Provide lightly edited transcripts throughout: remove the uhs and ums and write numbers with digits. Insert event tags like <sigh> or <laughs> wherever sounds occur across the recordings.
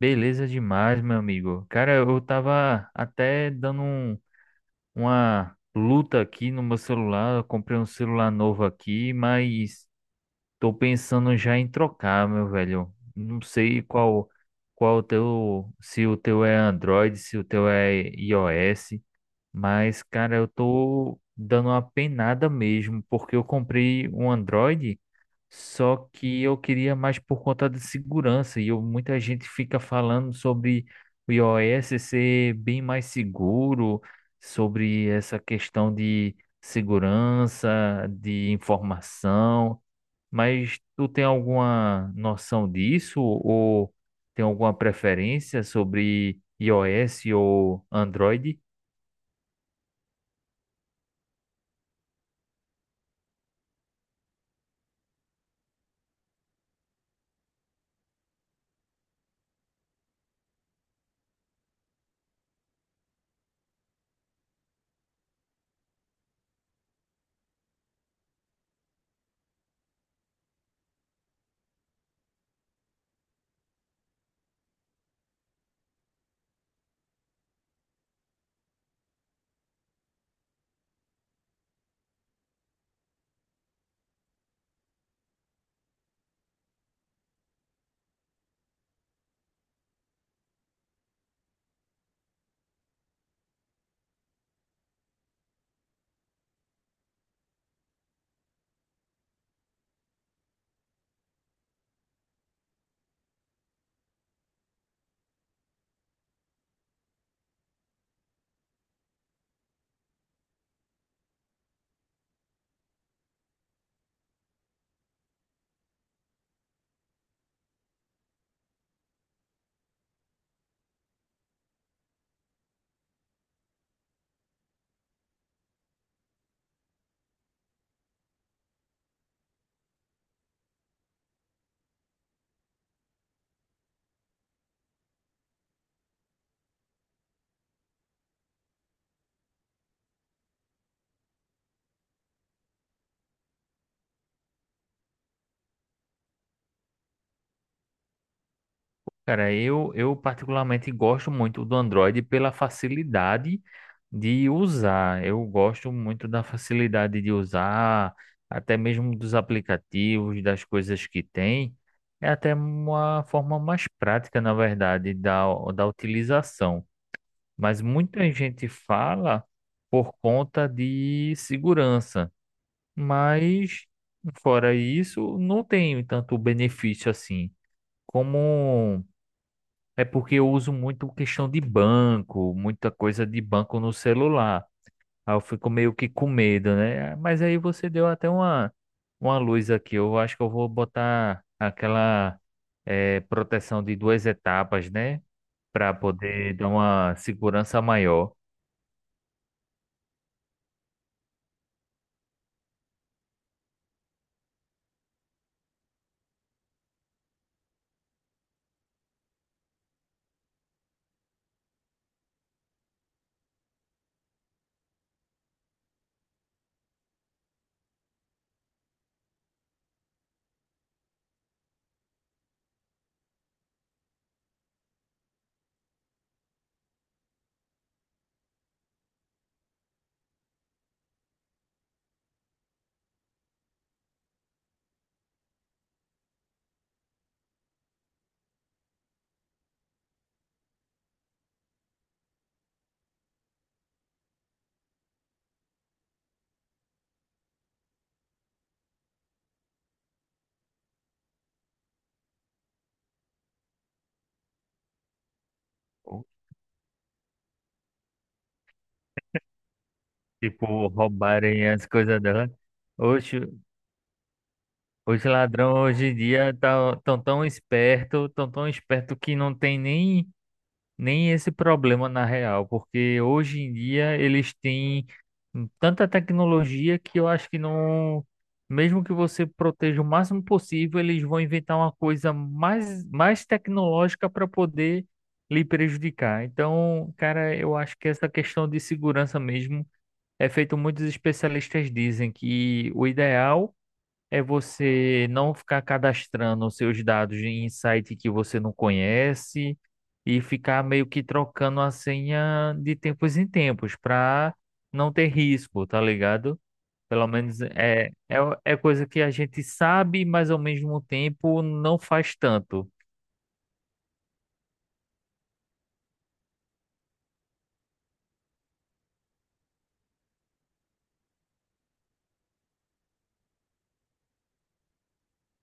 Beleza demais, meu amigo. Cara, eu tava até dando uma luta aqui no meu celular. Eu comprei um celular novo aqui, mas tô pensando já em trocar, meu velho. Não sei qual o teu, se o teu é Android, se o teu é iOS, mas cara, eu tô dando uma penada mesmo, porque eu comprei um Android só que eu queria mais por conta de segurança. Muita gente fica falando sobre o iOS ser bem mais seguro, sobre essa questão de segurança, de informação. Mas tu tem alguma noção disso? Ou tem alguma preferência sobre iOS ou Android? Cara, eu particularmente gosto muito do Android pela facilidade de usar. Eu gosto muito da facilidade de usar, até mesmo dos aplicativos, das coisas que tem. É até uma forma mais prática, na verdade, da utilização. Mas muita gente fala por conta de segurança. Mas, fora isso, não tem tanto benefício assim. Como. É porque eu uso muito questão de banco, muita coisa de banco no celular. Aí eu fico meio que com medo, né? Mas aí você deu até uma luz aqui. Eu acho que eu vou botar aquela proteção de duas etapas, né? Para poder dar uma segurança maior. Ou. Tipo, roubarem as coisas dela. Hoje, hoje ladrão, hoje em dia, tá, tão esperto, tão esperto que não tem nem esse problema na real, porque hoje em dia eles têm tanta tecnologia que eu acho que não, mesmo que você proteja o máximo possível, eles vão inventar uma coisa mais tecnológica para poder lhe prejudicar. Então, cara, eu acho que essa questão de segurança mesmo é feito, muitos especialistas dizem que o ideal é você não ficar cadastrando os seus dados em site que você não conhece e ficar meio que trocando a senha de tempos em tempos para não ter risco, tá ligado? Pelo menos é coisa que a gente sabe, mas ao mesmo tempo não faz tanto.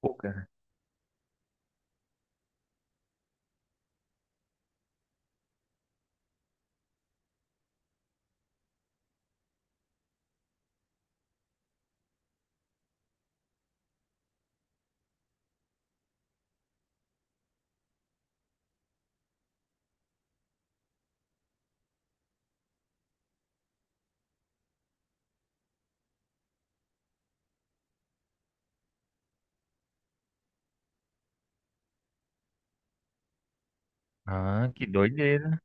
Pô, cara. Ah, que doideira.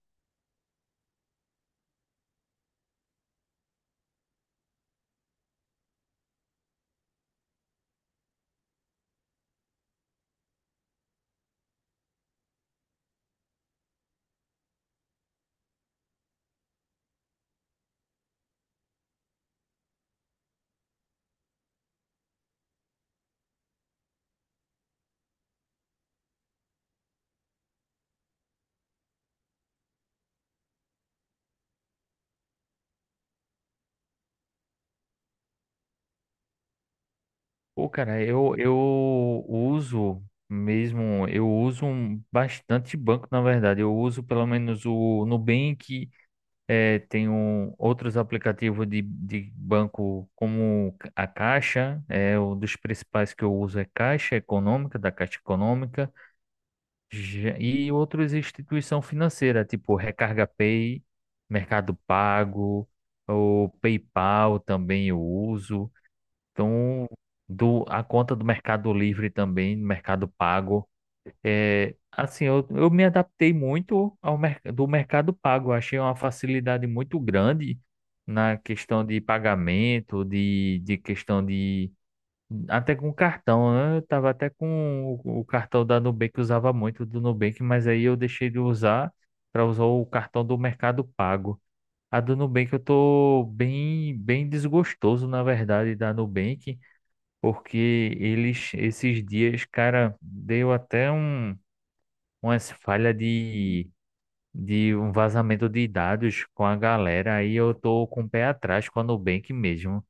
Pô, cara, eu uso mesmo, eu uso bastante banco, na verdade. Eu uso pelo menos o Nubank. É, tem outros aplicativos de banco como a Caixa, é um dos principais que eu uso é Caixa Econômica, da Caixa Econômica, e outras instituição financeira, tipo Recarga Pay, Mercado Pago, o PayPal também eu uso. Então, a conta do Mercado Livre também, Mercado Pago. É, assim, eu me adaptei muito ao mer do Mercado Pago. Eu achei uma facilidade muito grande na questão de pagamento, de questão de. Até com cartão, né? Eu tava até com o cartão da Nubank, eu usava muito do Nubank, mas aí eu deixei de usar para usar o cartão do Mercado Pago. A do Nubank eu tô bem desgostoso, na verdade, da Nubank, porque eles, esses dias, cara, deu até umas falhas de um vazamento de dados com a galera, aí eu tô com o pé atrás com a Nubank mesmo.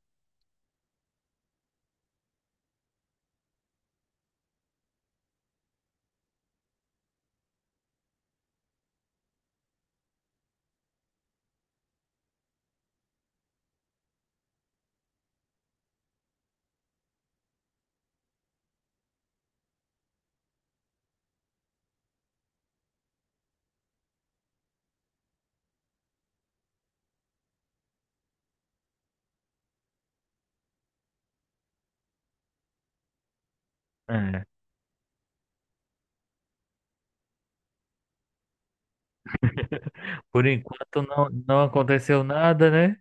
É. Por enquanto não aconteceu nada, né?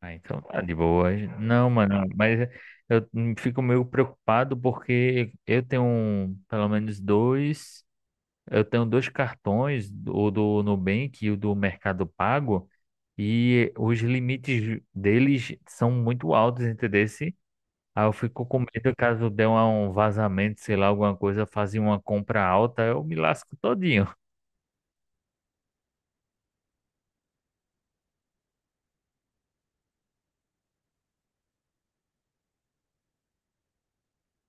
Ah, então tá de boa. Não, mano, mas eu fico meio preocupado porque eu tenho eu tenho dois cartões, o do Nubank e o do Mercado Pago, e os limites deles são muito altos, entendeu? Aí eu fico com medo caso um vazamento, sei lá, alguma coisa, fazer uma compra alta, eu me lasco todinho. <laughs>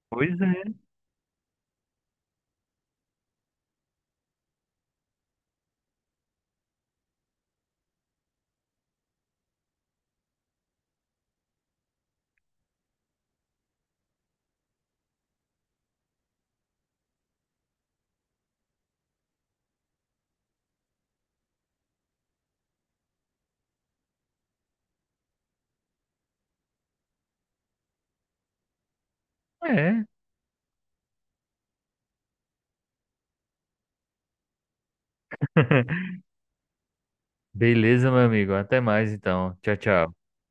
Pois é. É. <laughs> Beleza, meu amigo. Até mais então. Tchau, tchau.